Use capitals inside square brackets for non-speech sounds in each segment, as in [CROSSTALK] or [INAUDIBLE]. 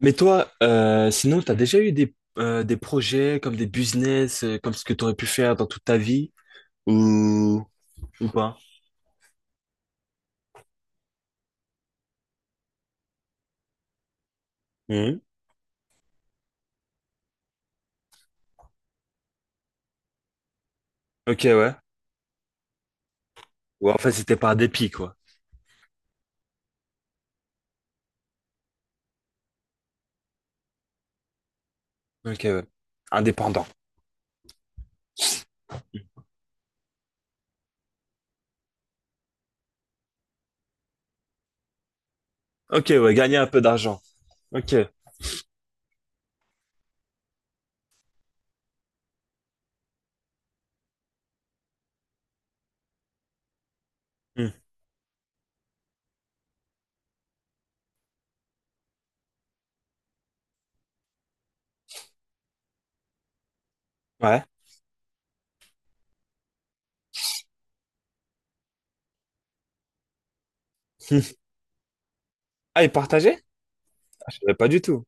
Mais toi, sinon, tu as déjà eu des projets comme des business, comme ce que tu aurais pu faire dans toute ta vie ou, ou pas? Mhm. Ok, ouais. Ou en fait, c'était par dépit, quoi. Ok, ouais. Indépendant. Ok, ouais, gagner un peu d'argent. Ok. Mhm. Ouais. [LAUGHS] Hmm. Ah, et partager? Ah, je savais pas du tout.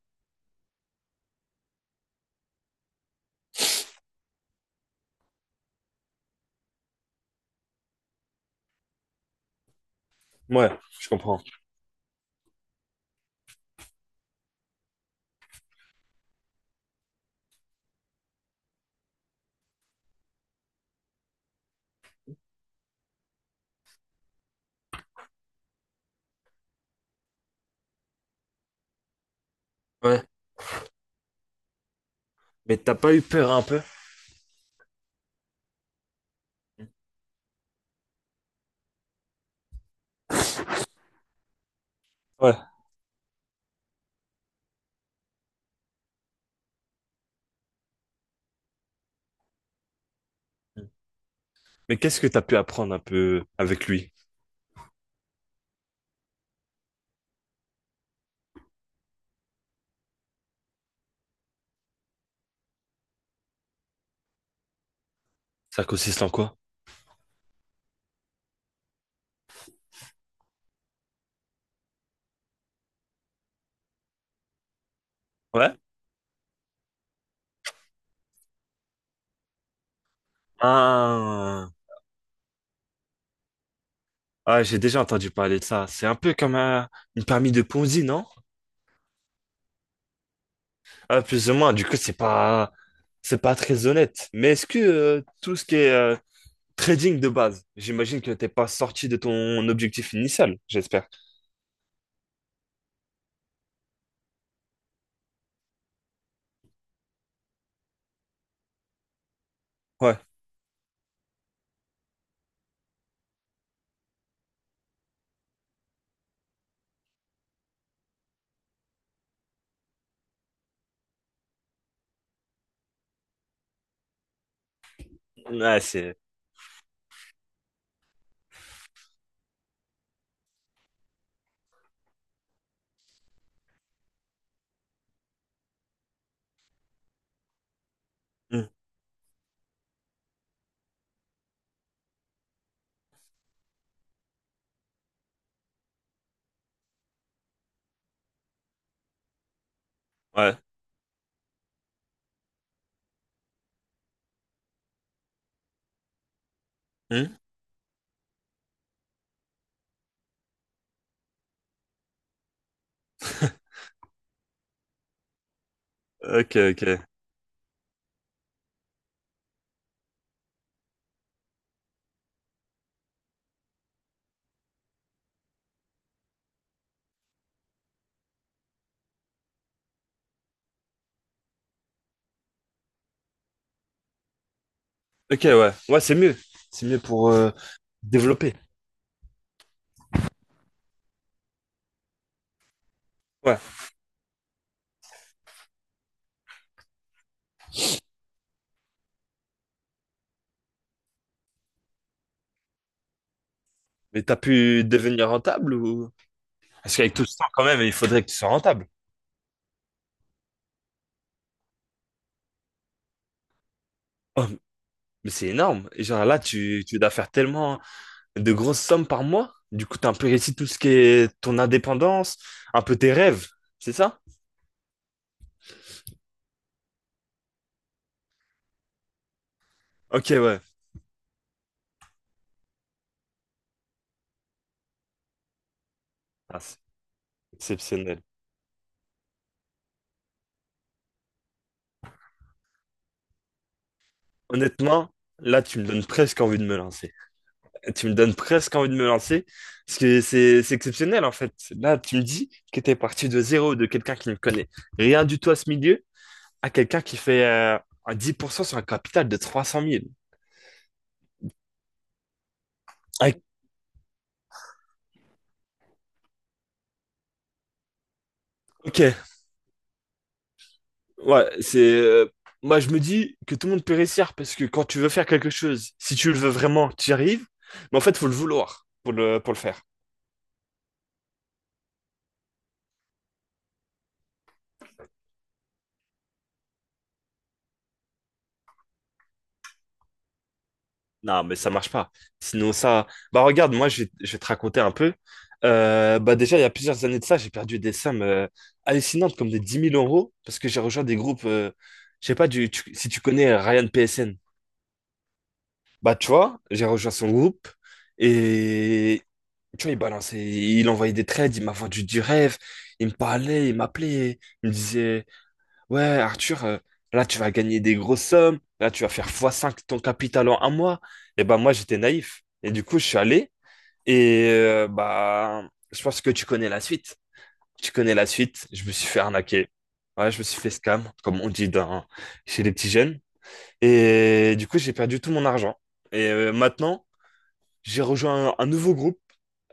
Ouais, je comprends. Ouais. Mais t'as pas eu peur un peu? Ouais. Mais qu'est-ce que t'as pu apprendre un peu avec lui? Ça consiste en quoi? Ouais. Ah. Ah, j'ai déjà entendu parler de ça. C'est un peu comme une permis de Ponzi, non? Ah, plus ou moins. Du coup, c'est pas très honnête. Mais est-ce que tout ce qui est trading de base, j'imagine que t'es pas sorti de ton objectif initial, j'espère. Ouais. Ouais, c'est. Hmm. Ouais. Hmm. [LAUGHS] Ok, ok. Ok, ouais. Ouais, c'est mieux. C'est mieux pour développer. Ouais. Mais t'as pu devenir rentable ou? Parce qu'avec tout ce temps, quand même, il faudrait que tu sois rentable. Oh, mais c'est énorme. Et genre là, tu dois faire tellement de grosses sommes par mois. Du coup, t'as un peu réussi tout ce qui est ton indépendance, un peu tes rêves, c'est ça? Ok, ouais. Ah, c'est exceptionnel. Honnêtement, là, tu me donnes presque envie de me lancer. Tu me donnes presque envie de me lancer, parce que c'est exceptionnel, en fait. Là, tu me dis que t'es parti de zéro, de quelqu'un qui ne connaît rien du tout à ce milieu, à quelqu'un qui fait un 10% sur un capital de 300 000. Ah, ok, ouais, c'est. Moi, je me dis que tout le monde peut réussir parce que quand tu veux faire quelque chose, si tu le veux vraiment, tu y arrives. Mais en fait, faut le vouloir pour le faire. Non, mais ça marche pas. Sinon, ça. Bah, regarde, moi, je vais te raconter un peu. Bah, déjà, il y a plusieurs années de ça, j'ai perdu des sommes hallucinantes, comme des 10 000 euros, parce que j'ai rejoint des groupes. Je sais pas si tu connais Ryan PSN. Bah, tu vois, j'ai rejoint son groupe et tu vois, il balançait, il envoyait des trades, il m'a vendu du rêve, il me parlait, il m'appelait, il me disait, ouais, Arthur, là, tu vas gagner des grosses sommes, là, tu vas faire fois cinq ton capital en un mois. Et ben, moi, j'étais naïf. Et du coup, je suis allé, et bah, je pense que tu connais la suite. Tu connais la suite, je me suis fait arnaquer. Ouais, je me suis fait scam, comme on dit chez les petits jeunes. Et du coup, j'ai perdu tout mon argent. Et maintenant, j'ai rejoint un nouveau groupe,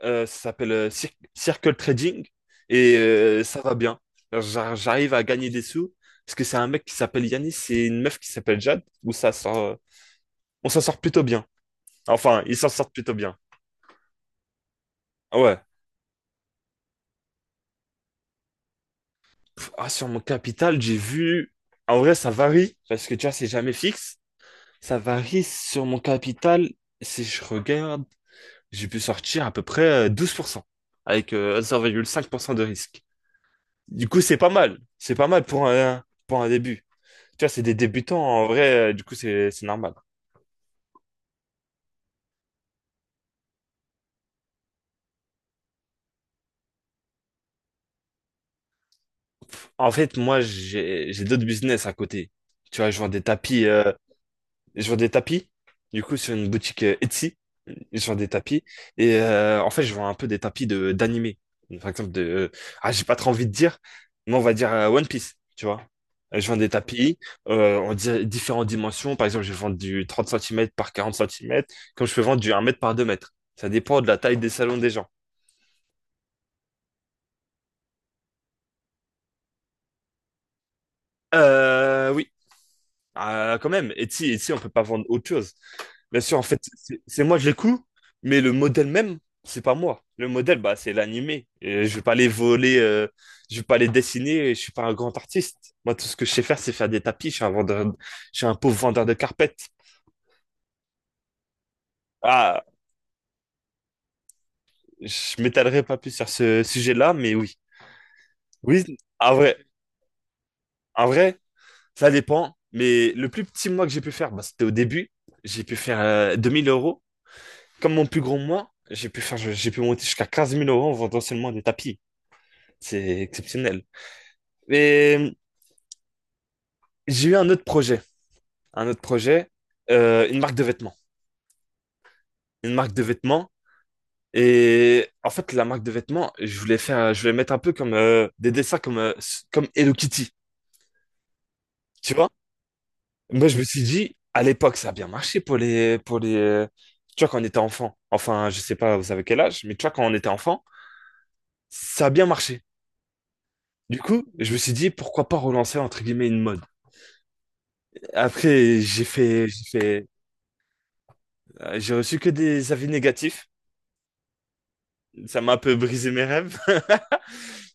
ça s'appelle Circle Trading, et ça va bien. J'arrive à gagner des sous, parce que c'est un mec qui s'appelle Yanis et une meuf qui s'appelle Jade, on s'en sort plutôt bien. Enfin, ils s'en sortent plutôt bien. Ah, ouais. Pff, ah, sur mon capital, j'ai vu. En vrai, ça varie, parce que tu vois, c'est jamais fixe. Ça varie sur mon capital. Si je regarde, j'ai pu sortir à peu près 12%, avec 0,5% de risque. Du coup, c'est pas mal. C'est pas mal pour un début. Tu vois, c'est des débutants, en vrai, du coup, c'est normal. En fait, moi, j'ai d'autres business à côté. Tu vois, je vends des tapis, du coup, sur une boutique Etsy. Je vends des tapis. Et en fait, je vends un peu des tapis de d'animé. Par exemple, de. Ah, j'ai pas trop envie de dire, mais on va dire One Piece, tu vois. Je vends des tapis en différentes dimensions. Par exemple, je vends du 30 centimètres par 40 centimètres, comme je peux vendre du 1 mètre par 2 mètres. Ça dépend de la taille des salons des gens. Oui. Quand même. Etsy, on peut pas vendre autre chose. Bien sûr, en fait, c'est moi, je l'écoute, mais le modèle même, c'est pas moi. Le modèle, bah, c'est l'animé. Et je vais pas les voler, je vais pas les dessiner, je suis pas un grand artiste. Moi, tout ce que je sais faire, c'est faire des tapis. Je suis un vendeur, je suis un pauvre vendeur de carpettes. Ah, je m'étalerai pas plus sur ce sujet-là, mais oui. Oui, en vrai, en vrai, ça dépend. Mais le plus petit mois que j'ai pu faire, bah, c'était au début. J'ai pu faire 2000 euros. Comme mon plus gros mois, j'ai pu monter jusqu'à 15 000 euros en vendant seulement des tapis. C'est exceptionnel. Mais j'ai eu un autre projet, euh, une marque de vêtements, une marque de vêtements. Et en fait, la marque de vêtements, je voulais mettre un peu comme des dessins comme Hello Kitty, tu vois? Moi, je me suis dit, à l'époque, ça a bien marché pour les pour les, tu vois, quand on était enfant. Enfin, je sais pas, vous savez quel âge, mais tu vois, quand on était enfant, ça a bien marché. Du coup, je me suis dit, pourquoi pas relancer entre guillemets une mode. Après, j'ai reçu que des avis négatifs. Ça m'a un peu brisé mes rêves. [LAUGHS]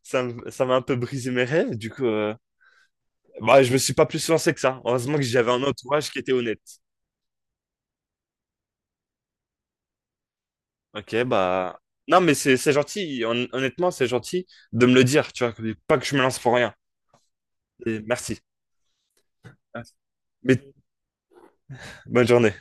Ça m'a un peu brisé mes rêves. Du coup, bah, je me suis pas plus lancé que ça. Heureusement que j'avais un entourage qui était honnête. Ok, bah. Non, mais c'est gentil. Honnêtement, c'est gentil de me le dire. Tu vois, pas que je me lance pour rien. Et merci. Merci. Mais bonne journée.